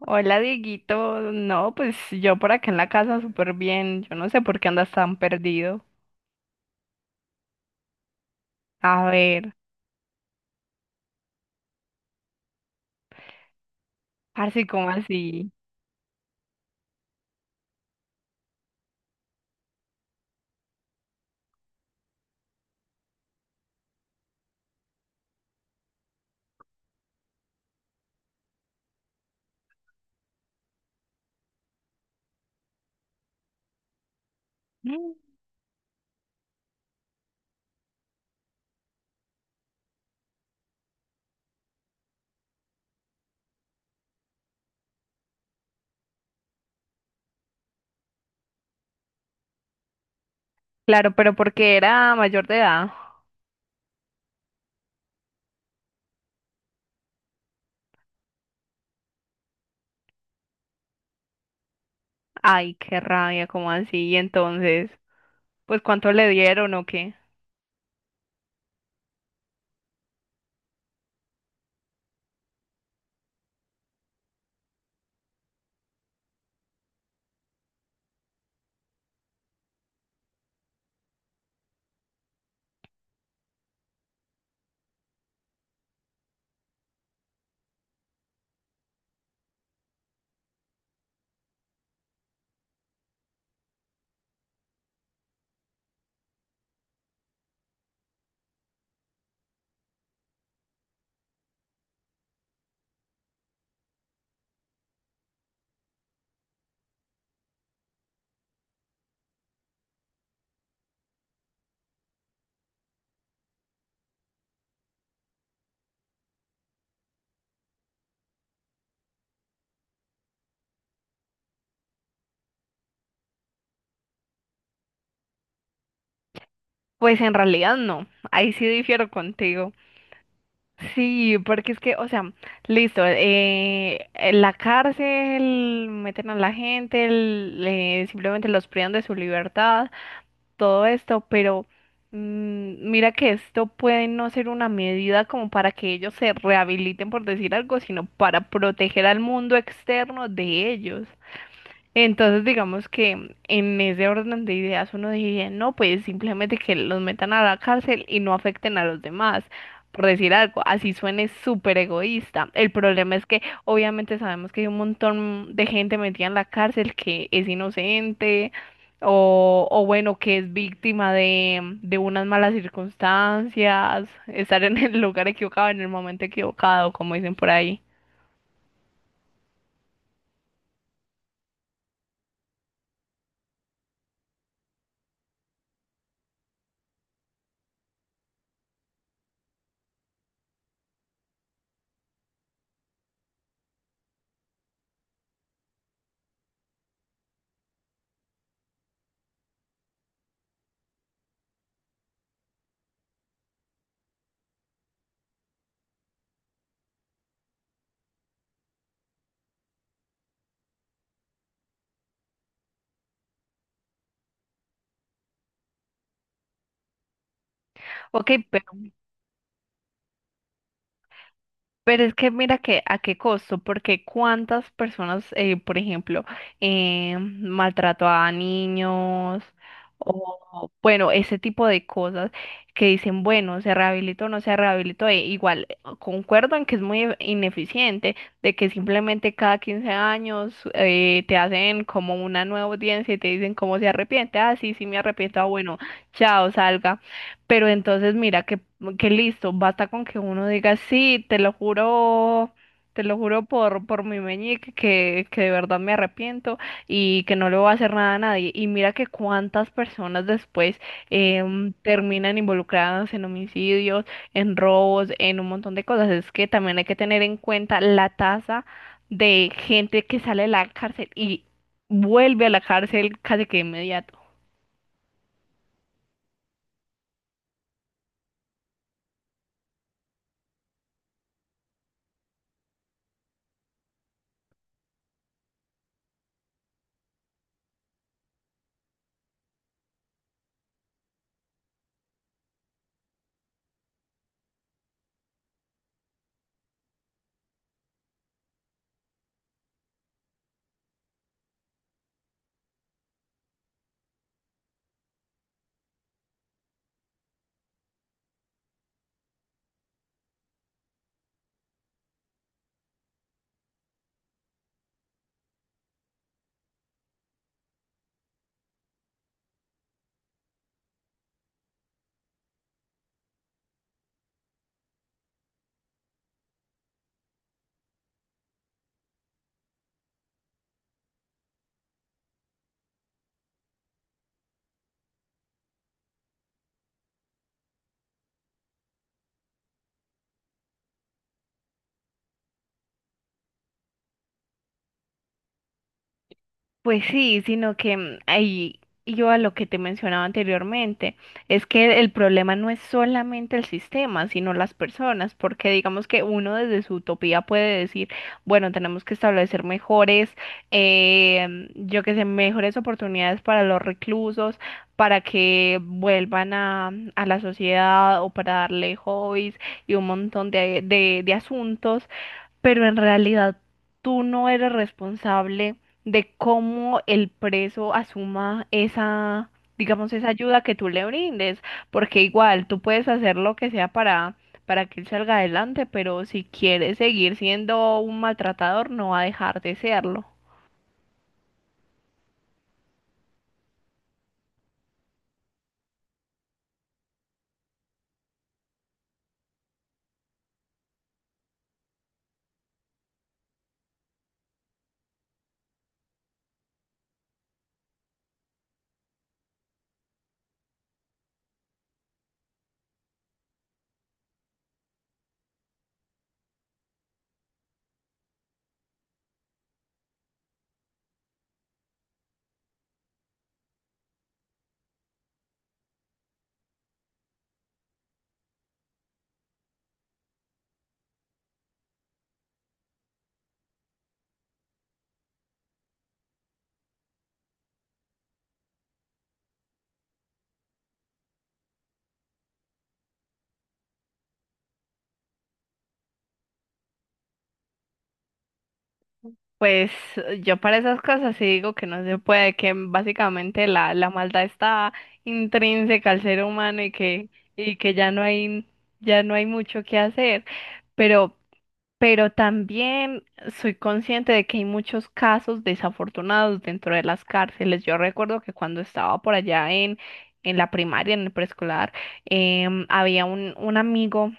Hola, Dieguito. No, pues yo por acá en la casa súper bien. Yo no sé por qué andas tan perdido. A ver, así como así. Mm. Claro, pero porque era mayor de edad. Ay, qué rabia, como así. Y entonces, pues ¿cuánto le dieron o qué? Pues en realidad no. Ahí sí difiero contigo. Sí, porque es que, o sea, listo, en la cárcel meten a la gente, simplemente los privan de su libertad. Todo esto, pero mira que esto puede no ser una medida como para que ellos se rehabiliten, por decir algo, sino para proteger al mundo externo de ellos. Entonces, digamos que en ese orden de ideas uno diría, no, pues simplemente que los metan a la cárcel y no afecten a los demás, por decir algo, así suene súper egoísta. El problema es que obviamente sabemos que hay un montón de gente metida en la cárcel que es inocente o bueno, que es víctima de unas malas circunstancias, estar en el lugar equivocado, en el momento equivocado, como dicen por ahí. Ok, pero es que mira que a qué costo, porque cuántas personas, por ejemplo, maltrato a niños o, bueno, ese tipo de cosas que dicen, bueno, se rehabilitó o no se rehabilitó, e igual concuerdo en que es muy ineficiente, de que simplemente cada 15 años te hacen como una nueva audiencia y te dicen cómo se arrepiente, ah, sí, sí me arrepiento, ah, bueno, chao, salga. Pero entonces mira que listo, basta con que uno diga, sí, te lo juro por mi meñique que de verdad me arrepiento y que no le voy a hacer nada a nadie. Y mira que cuántas personas después terminan involucradas en homicidios, en robos, en un montón de cosas. Es que también hay que tener en cuenta la tasa de gente que sale de la cárcel y vuelve a la cárcel casi que de inmediato. Pues sí, sino que ahí yo a lo que te mencionaba anteriormente, es que el problema no es solamente el sistema, sino las personas, porque digamos que uno desde su utopía puede decir, bueno, tenemos que establecer mejores, yo qué sé, mejores oportunidades para los reclusos, para que vuelvan a la sociedad o para darle hobbies y un montón de de asuntos, pero en realidad tú no eres responsable de cómo el preso asuma esa, digamos, esa ayuda que tú le brindes, porque igual tú puedes hacer lo que sea para que él salga adelante, pero si quiere seguir siendo un maltratador, no va a dejar de serlo. Pues yo para esas cosas sí digo que no se puede, que básicamente la maldad está intrínseca al ser humano y que ya no hay mucho que hacer. Pero pero también soy consciente de que hay muchos casos desafortunados dentro de las cárceles. Yo recuerdo que cuando estaba por allá en la primaria, en el preescolar, había un amigo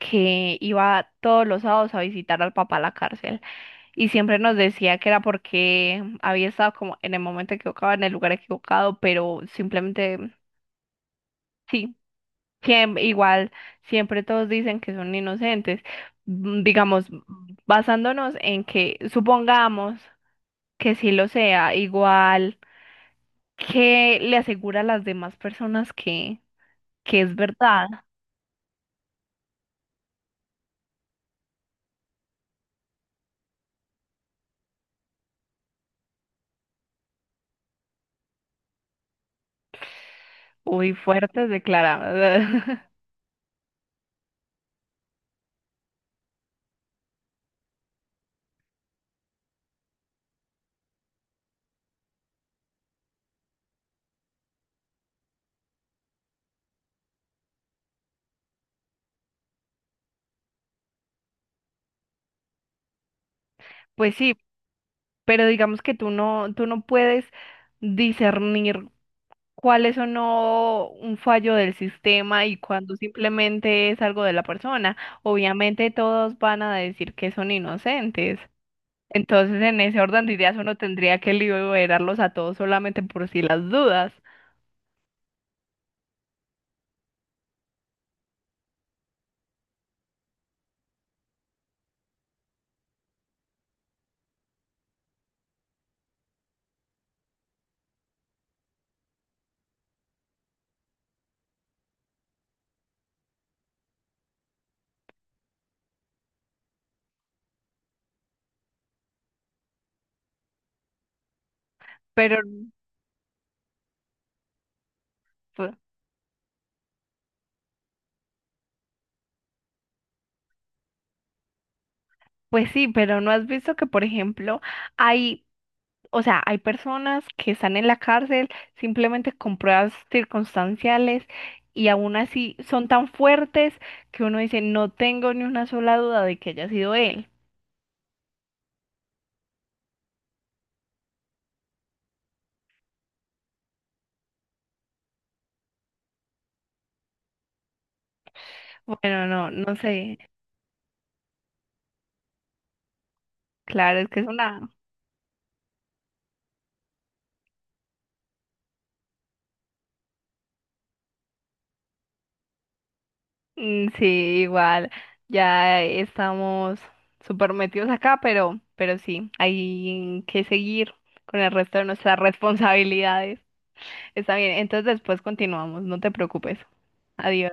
que iba todos los sábados a visitar al papá a la cárcel y siempre nos decía que era porque había estado como en el momento equivocado, en el lugar equivocado, pero simplemente... Sí. Igual siempre todos dicen que son inocentes. Digamos, basándonos en que supongamos que sí lo sea, igual que le asegura a las demás personas que es verdad. Uy, fuertes declaradas. Pues sí, pero digamos que tú no puedes discernir cuál es o no un fallo del sistema y cuándo simplemente es algo de la persona. Obviamente todos van a decir que son inocentes. Entonces, en ese orden de ideas uno tendría que liberarlos a todos solamente por si las dudas. Pero, pu- pues sí, pero ¿no has visto que, por ejemplo, hay... O sea, hay personas que están en la cárcel simplemente con pruebas circunstanciales y aún así son tan fuertes que uno dice, no tengo ni una sola duda de que haya sido él. Bueno, no, no sé. Claro, es que es una... sí, igual, ya estamos súper metidos acá, pero sí, hay que seguir con el resto de nuestras responsabilidades. Está bien, entonces después continuamos, no te preocupes. Adiós.